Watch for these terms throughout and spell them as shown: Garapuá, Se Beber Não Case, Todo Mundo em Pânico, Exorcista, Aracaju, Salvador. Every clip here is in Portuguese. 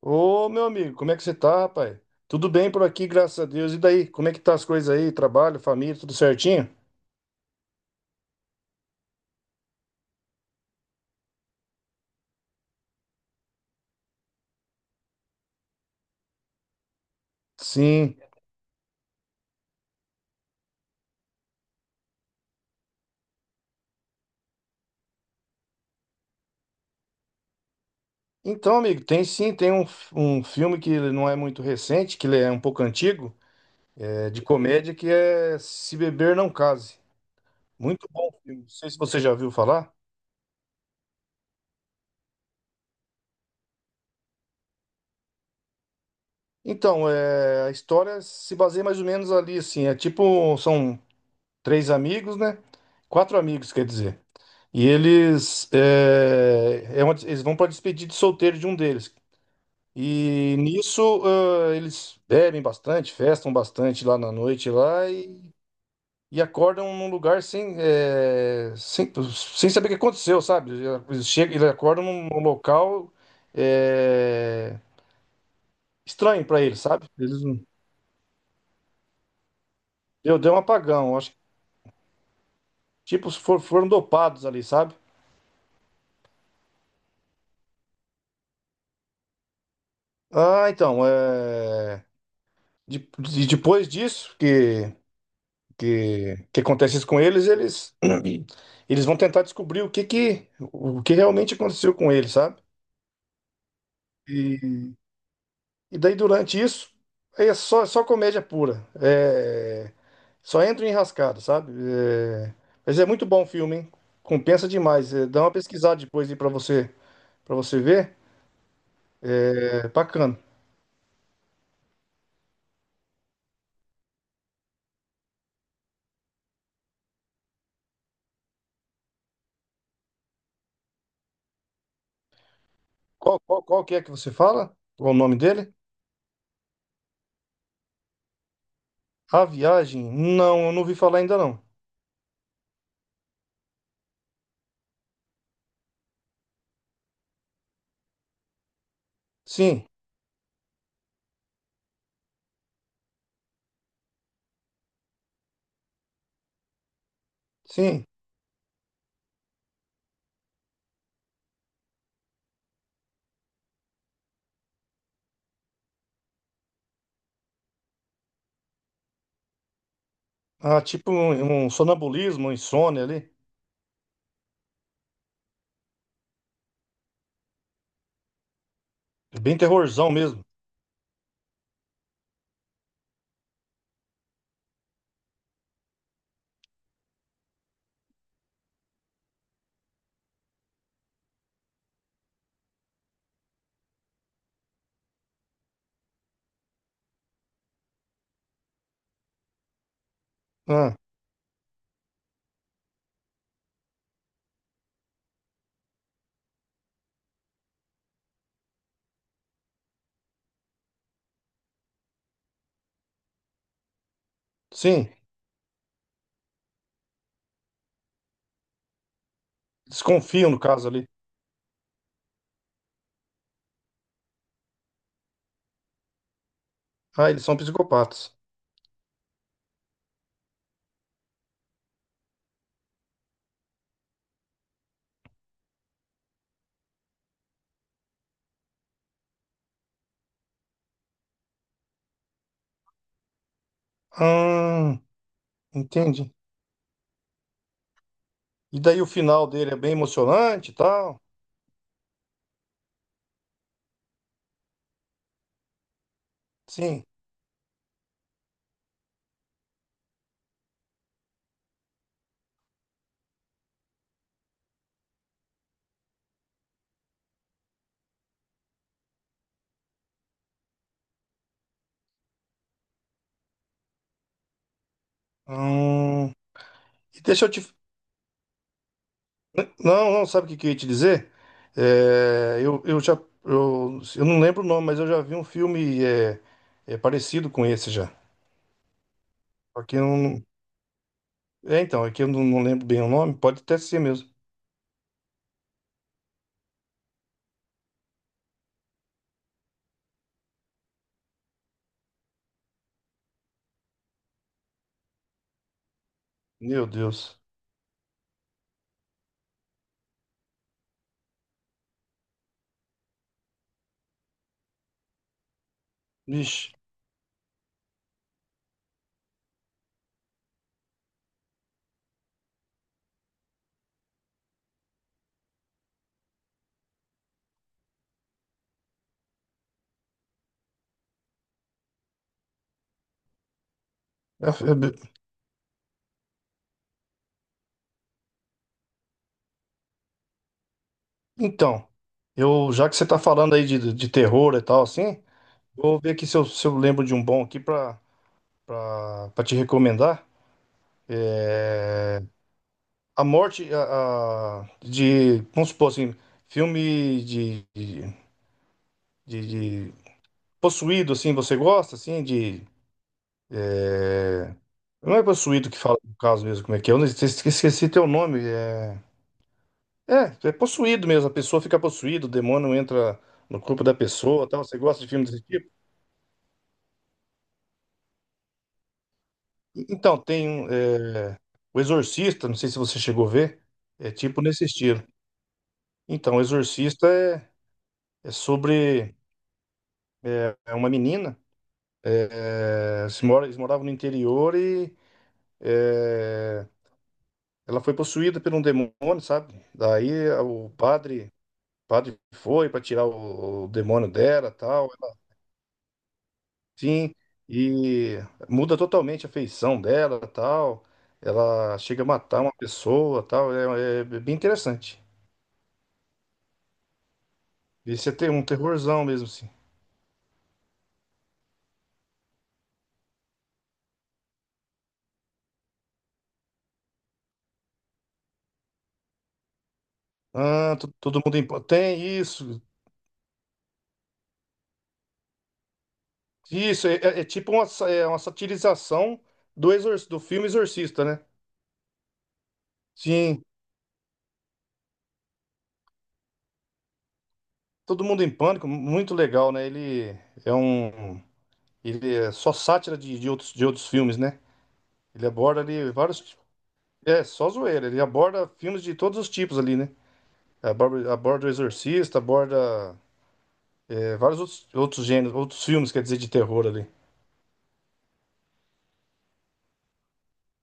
Ô, meu amigo, como é que você tá, rapaz? Tudo bem por aqui, graças a Deus. E daí, como é que tá as coisas aí? Trabalho, família, tudo certinho? Sim. Então, amigo, tem sim, tem um filme que ele não é muito recente, que ele é um pouco antigo, é de comédia, que é Se Beber Não Case. Muito bom filme. Não sei se você já viu falar. Então, é, a história se baseia mais ou menos ali, assim, é tipo, são três amigos, né? Quatro amigos, quer dizer. E eles, eles vão para despedida de solteiro de um deles. E nisso, ah, eles bebem bastante, festam bastante lá na noite lá e acordam num lugar sem, sem saber o que aconteceu, sabe? Eles chegam, eles acordam num local é, estranho para eles, sabe? Eles, não- deu, deu um apagão, acho que tipo foram dopados ali, sabe? Ah, então, é, depois disso que acontece isso com eles, eles eles vão tentar descobrir o que realmente aconteceu com eles, sabe? E, e daí durante isso aí é só comédia pura, é só entra em enrascada, sabe? É, mas é muito bom o filme, hein? Compensa demais. É, dá uma pesquisada depois aí para você ver, é bacana. Qual que é que você fala? Qual o nome dele? A Viagem? Não, eu não ouvi falar ainda não. Sim, sim. Ah, tipo um, um sonambulismo, um insônia ali. É bem terrorzão mesmo. Ah, sim. Desconfiam no caso ali. Ah, eles são psicopatas. Ah, entendi. E daí o final dele é bem emocionante e tal? Sim. Hum, e deixa eu te. Não, não, sabe o que que eu ia te dizer? É, eu já. Eu não lembro o nome, mas eu já vi um filme é, é parecido com esse já. Só que eu não. É, então, é que eu não, não lembro bem o nome. Pode até ser mesmo. Meu Deus. Vixe. É, é, então, eu já que você tá falando aí de terror e tal, assim, vou ver aqui se eu lembro de um bom aqui pra te recomendar. É, a morte a- de, vamos supor assim, filme de- de possuído, assim, você gosta, assim, de... é, não é possuído que fala do caso mesmo, como é que é? Eu não- esqueci, esqueci teu nome. É possuído mesmo, a pessoa fica possuída, o demônio entra no corpo da pessoa, tal. Você gosta de filme desse tipo? Então, tem um, é, o Exorcista, não sei se você chegou a ver, é tipo nesse estilo. Então, o Exorcista é, é sobre é, é uma menina, se mora, eles moravam no interior e é, ela foi possuída por um demônio, sabe? O padre, padre foi para tirar o demônio dela, tal, ela, sim, e muda totalmente a feição dela, tal. Ela chega a matar uma pessoa, tal, é é bem interessante. Esse é ter um terrorzão mesmo, assim. Ah, todo mundo em... tem isso. Isso é, é tipo uma, é uma satirização do, exor... do filme Exorcista, né? Sim, Todo Mundo em Pânico, muito legal, né? Ele é um. Ele é só sátira de, de outros filmes, né? Ele aborda ali vários. É, só zoeira. Ele aborda filmes de todos os tipos ali, né? Aborda, aborda o Exorcista, aborda é, vários outros, outros gêneros, outros filmes, quer dizer, de terror ali.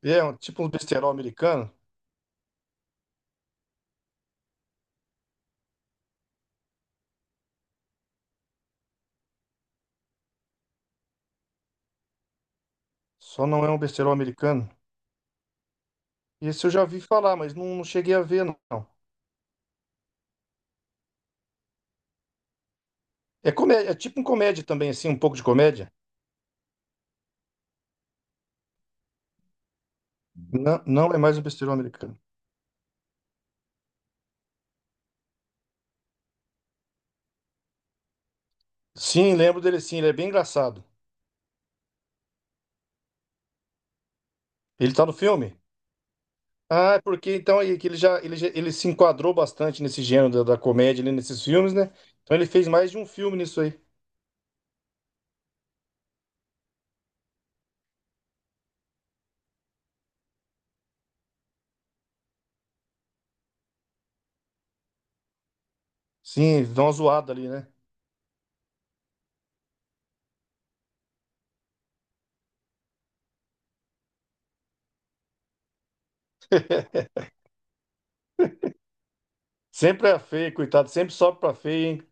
E é um, tipo um besterol americano. Só não é um besterol americano. Esse eu já vi falar, mas não, não cheguei a ver, não. É comédia, é tipo um comédia também, assim, um pouco de comédia. Não, não é mais um besterol americano. Sim, lembro dele sim, ele é bem engraçado. Ele tá no filme? Ah, é porque então aí que ele já, ele se enquadrou bastante nesse gênero da, da comédia ali nesses filmes, né? Então ele fez mais de um filme nisso aí. Sim, dá uma zoada ali, né? Sempre é feio, coitado, sempre sobe pra feio, hein?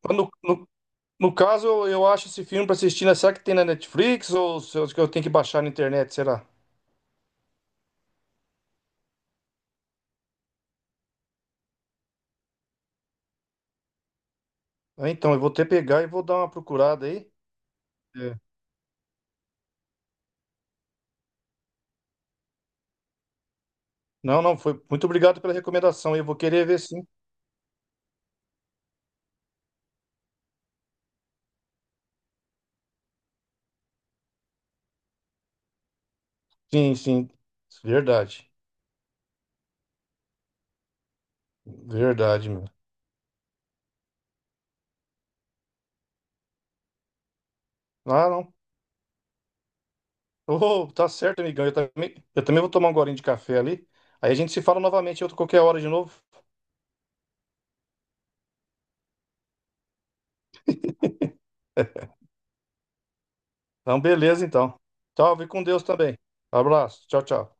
Quando, no- No caso, eu acho esse filme pra assistir, né? Será que tem na Netflix ou se eu tenho que baixar na internet, será? Ah, então, eu vou até pegar e vou dar uma procurada aí. É. Não, não, foi. Muito obrigado pela recomendação. Eu vou querer ver sim. Sim, sim. Verdade. Verdade, meu. Ah, não. Oh, tá certo, amigão. Eu também vou tomar um golinho de café ali. Aí a gente se fala novamente em outra qualquer hora de novo. Então, beleza, então. Salve com Deus também. Abraço. Tchau, tchau.